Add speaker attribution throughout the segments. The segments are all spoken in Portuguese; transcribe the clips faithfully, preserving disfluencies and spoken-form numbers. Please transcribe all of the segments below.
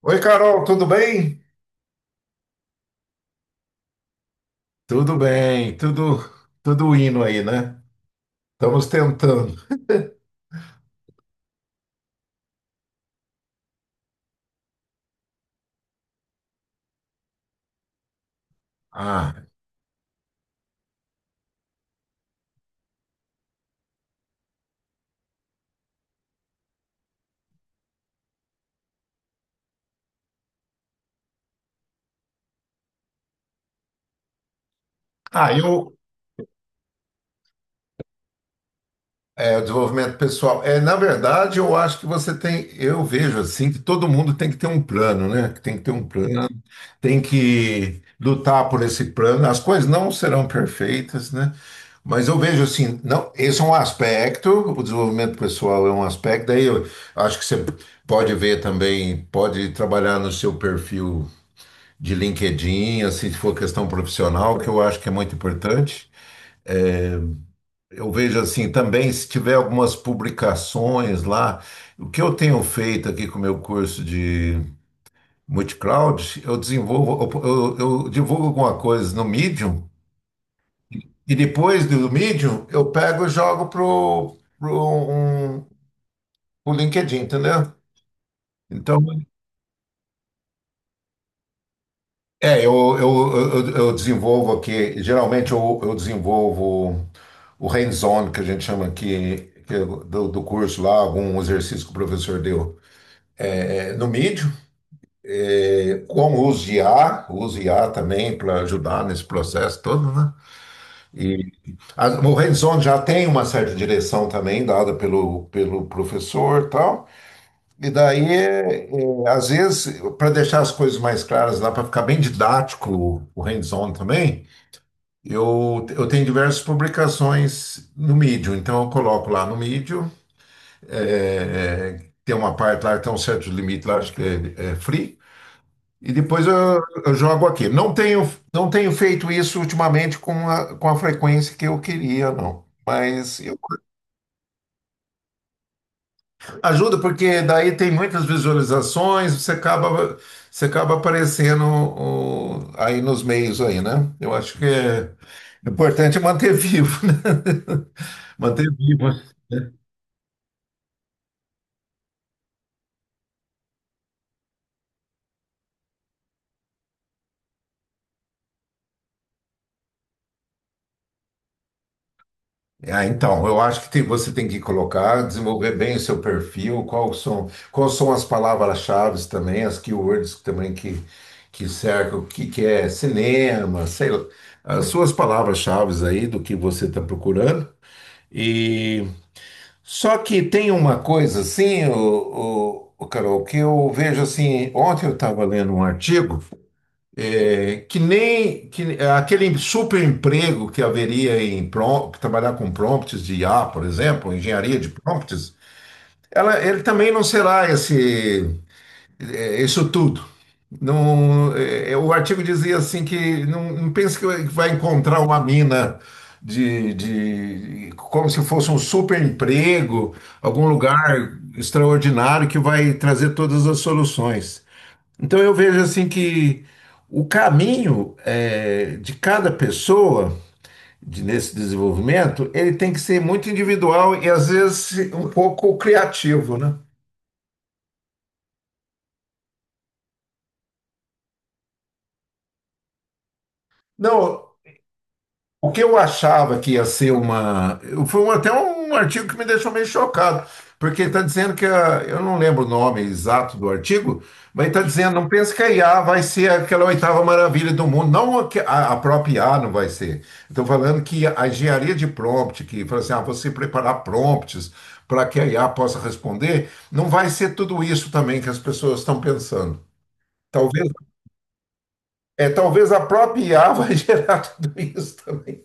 Speaker 1: Oi, Carol, tudo bem? Tudo bem, tudo tudo indo aí, né? Estamos tentando. Ah, ah, eu é, desenvolvimento pessoal. É, na verdade, eu acho que você tem, eu vejo assim que todo mundo tem que ter um plano, né? Que Tem que ter um plano, tem que lutar por esse plano. As coisas não serão perfeitas, né? Mas eu vejo assim, não, esse é um aspecto, o desenvolvimento pessoal é um aspecto, daí eu acho que você pode ver também, pode trabalhar no seu perfil de LinkedIn, assim, se for questão profissional, que eu acho que é muito importante. Eu vejo assim também, se tiver algumas publicações lá, o que eu tenho feito aqui com o meu curso de multicloud, eu desenvolvo, eu, eu divulgo alguma coisa no Medium e depois do Medium eu pego e jogo pro, pro, um, pro LinkedIn, entendeu? Então, é, eu, eu, eu, eu desenvolvo aqui, geralmente eu, eu desenvolvo o hands-on que a gente chama aqui que é do, do curso lá, algum exercício que o professor deu é, no mídio, é, com o uso de I A, o uso de I A também para ajudar nesse processo todo, né? E a, o hands-on já tem uma certa direção também dada pelo, pelo professor e tal, e daí, é, é, às vezes, para deixar as coisas mais claras lá, para ficar bem didático o o hands-on também, eu, eu tenho diversas publicações no Medium. Então, eu coloco lá no Medium é, é, tem uma parte lá, tem um certo limite lá, acho que é, é free. E depois eu, eu jogo aqui. Não tenho, não tenho feito isso ultimamente com a, com a frequência que eu queria, não. Mas eu- ajuda porque daí tem muitas visualizações, você acaba, você acaba aparecendo o- aí nos meios aí, né? Eu acho que é importante manter vivo, né? Manter vivo, né? Ah, então, eu acho que tem- você tem que colocar, desenvolver bem o seu perfil, qual são, quais são as palavras-chave também, as keywords também que, que cercam, o que, que é cinema, sei lá, as suas palavras-chave aí do que você está procurando. E só que tem uma coisa assim, o, o, Carol, que eu vejo assim, ontem eu estava lendo um artigo. É, que nem que, é, aquele super emprego que haveria em prom- trabalhar com prompts de i a, por exemplo, engenharia de prompts, ela, ele também não será esse, é, isso tudo. Não, é, é, o artigo dizia assim que não, não pense que vai que vai encontrar uma mina de, de como se fosse um super emprego, algum lugar extraordinário que vai trazer todas as soluções. Então eu vejo assim que o caminho eh, de cada pessoa de- nesse desenvolvimento, ele tem que ser muito individual e às vezes um pouco criativo, né? Não, O que eu achava que ia ser uma. Foi um- até um artigo que me deixou meio chocado, porque está dizendo que. a- eu não lembro o nome exato do artigo, mas está dizendo: não pense que a i a vai ser aquela oitava maravilha do mundo. Não a, que- a- A própria i a não vai ser. Estou falando que a engenharia de prompt, que fala assim, ah, você preparar prompts para que a i a possa responder, não vai ser tudo isso também que as pessoas estão pensando. Talvez, é, talvez a própria i a vai gerar tudo isso também.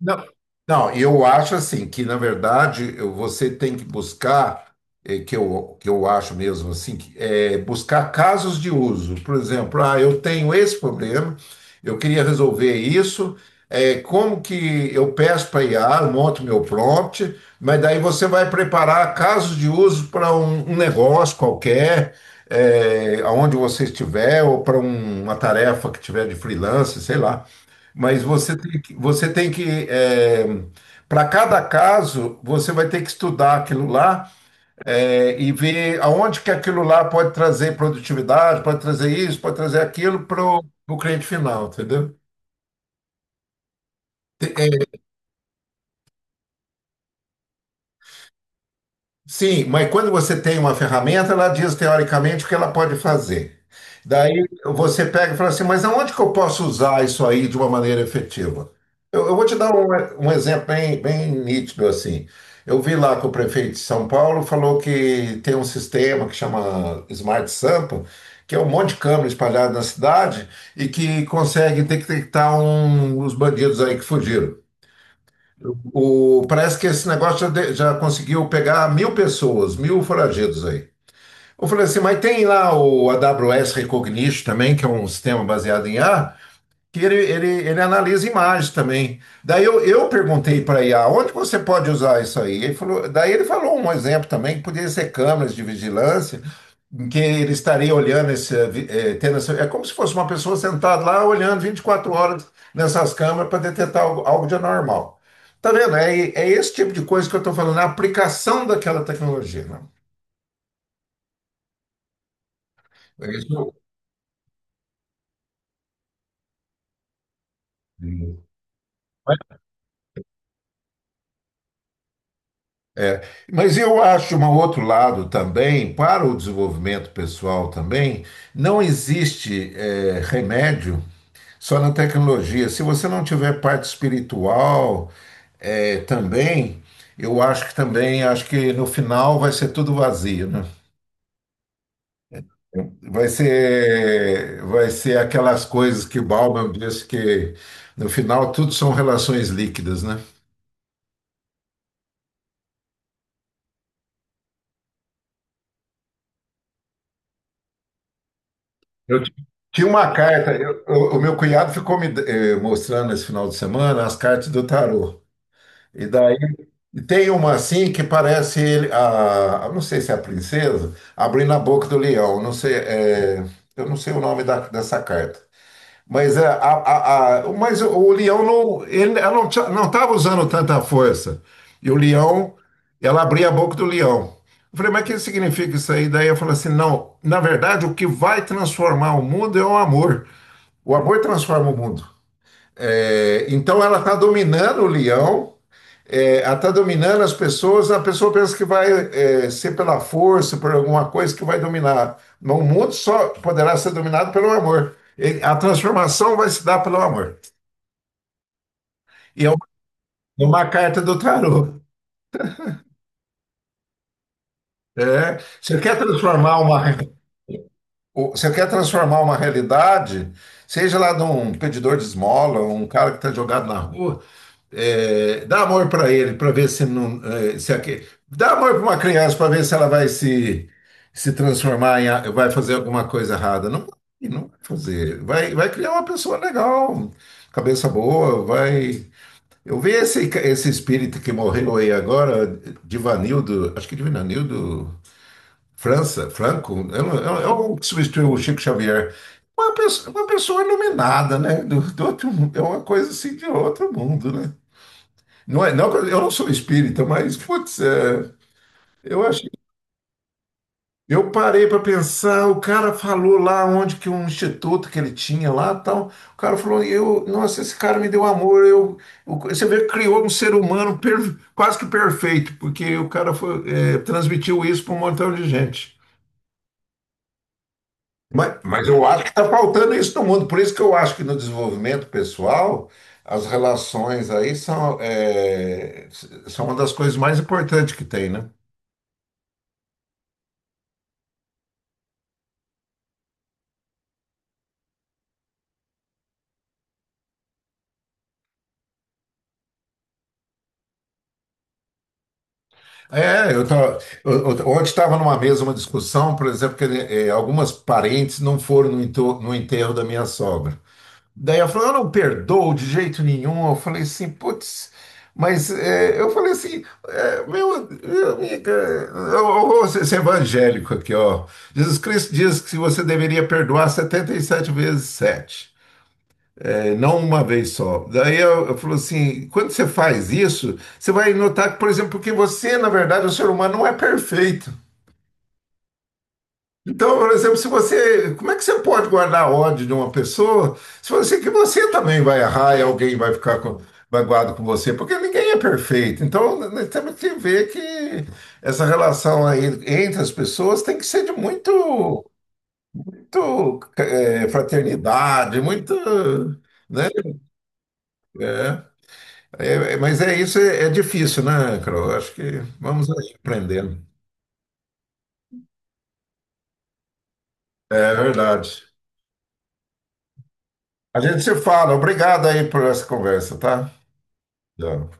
Speaker 1: Não, não, eu acho assim que, na verdade, eu- você tem que buscar, eh, que eu, que eu acho mesmo assim, que, eh, buscar casos de uso. Por exemplo, ah, eu tenho esse problema, eu queria resolver isso, eh, como que eu peço para i a, eu monto meu prompt, mas daí você vai preparar casos de uso para um, um negócio qualquer, eh, aonde você estiver, ou para um- uma tarefa que tiver de freelance, sei lá. Mas você tem que, você tem que para cada caso, você vai ter que estudar aquilo lá é, e ver aonde que aquilo lá pode trazer produtividade, pode trazer isso, pode trazer aquilo para o cliente final, entendeu? Sim, mas quando você tem uma ferramenta, ela diz teoricamente o que ela pode fazer. Daí você pega e fala assim, mas aonde que eu posso usar isso aí de uma maneira efetiva? Eu, eu vou te dar um, um exemplo bem, bem nítido assim. Eu vi lá que o prefeito de São Paulo falou que tem um sistema que chama Smart Sampa, que é um monte de câmera espalhada na cidade e que consegue detectar um- os bandidos aí que fugiram. O, parece que esse negócio já, de- já conseguiu pegar mil pessoas, mil foragidos aí. Eu falei assim, mas tem lá o A W S Recognition também, que é um sistema baseado em i a, que ele, ele, ele analisa imagens também. Daí eu, eu perguntei para i a, onde você pode usar isso aí? Ele falou, daí ele falou um exemplo também, que podia ser câmeras de vigilância, em que ele estaria olhando esse, eh, tendo essa- é como se fosse uma pessoa sentada lá olhando vinte e quatro horas nessas câmeras para detectar algo, algo de anormal. Tá vendo? É, é esse tipo de coisa que eu estou falando, é a aplicação daquela tecnologia, né? É isso. Mas eu acho um outro lado também, para o desenvolvimento pessoal também, não existe eh, remédio só na tecnologia. Se você não tiver parte espiritual, É, também, eu acho que também, acho que no final vai ser tudo vazio, né? Vai ser, vai ser aquelas coisas que o Bauman disse que no final tudo são relações líquidas, né? Eu ti- Tinha uma carta, eu- o o meu cunhado ficou me eh, mostrando esse final de semana as cartas do tarô. E daí tem uma assim que parece ele, a, a- não sei se é a princesa, abrindo a boca do leão, não sei, eh, eu não sei o nome da- dessa carta. Mas, é, a, a, a- mas o o Leão não, ele, ela não tinha- não estava usando tanta força. E o Leão, ela abria a boca do Leão. Eu falei, mas o que significa isso aí? Daí eu falei assim, não, na verdade o que vai transformar o mundo é o amor. O amor transforma o mundo. É, então ela está dominando o Leão, é, ela está dominando as pessoas, a pessoa pensa que vai é, ser pela força, por alguma coisa que vai dominar. No mundo só poderá ser dominado pelo amor. Ele- a transformação vai se dar pelo amor. E é uma, uma carta do tarô. É. Você quer transformar uma o- Você quer transformar uma realidade, seja lá de um pedidor de esmola, um cara que está jogado na rua, é, dá amor para ele, para ver se não. é, se aque- Dá amor para uma criança para ver se ela vai se, se transformar em. A- Vai fazer alguma coisa errada. Não, vai, não vai fazer. Vai, vai criar uma pessoa legal, cabeça boa, vai. Eu vi esse, ca- esse espírito que morreu aí agora, Divanildo, acho que Divanildo. França, Franco, eu o é o que substituiu o Chico Xavier. Uma pessoa, uma pessoa iluminada, né? Do, do outro mundo. É uma coisa assim de outro mundo, né? Não é, não, que eu eu não sou espírita, mas, putz, é, eu acho. Eu parei para pensar, o cara falou lá onde que um instituto que ele tinha lá tal. O cara falou, eu, nossa, esse cara me deu amor. Eu, o- você vê que criou um ser humano per- quase que perfeito, porque o cara foi, é, transmitiu isso para um montão de gente. Mas, mas eu acho que está faltando isso no mundo. Por isso que eu acho que no desenvolvimento pessoal, as relações aí são, é, s- são uma das coisas mais importantes que tem, né? É, eu tava, eu, eu- ontem estava numa mesa, uma discussão, por exemplo, que eh, algumas parentes não foram no, ento- no enterro da minha sogra. Daí ela falou, eu não perdoo de jeito nenhum. Eu falei assim, putz, mas é, eu falei assim, é, meu, meu amiga, eu eu vou ser ser evangélico aqui, ó. Jesus Cristo diz que você deveria perdoar setenta e sete vezes sete, é, não uma vez só. Daí eu, eu falou assim, quando você faz isso, você vai notar que, por exemplo, que você, na verdade, o ser humano não é perfeito. Então, por exemplo, se você, como é que você pode guardar ódio de uma pessoa se você que você também vai errar e alguém vai ficar com, magoado com você? Porque ninguém é perfeito. Então, nós temos que ver que essa relação aí entre as pessoas tem que ser de muito, muito eh, fraternidade, muito, né? É, é, é, mas é isso, é, é difícil, né, Carol? Acho que vamos aí aprendendo. É verdade. A gente se fala. Obrigado aí por essa conversa, tá? Tchau.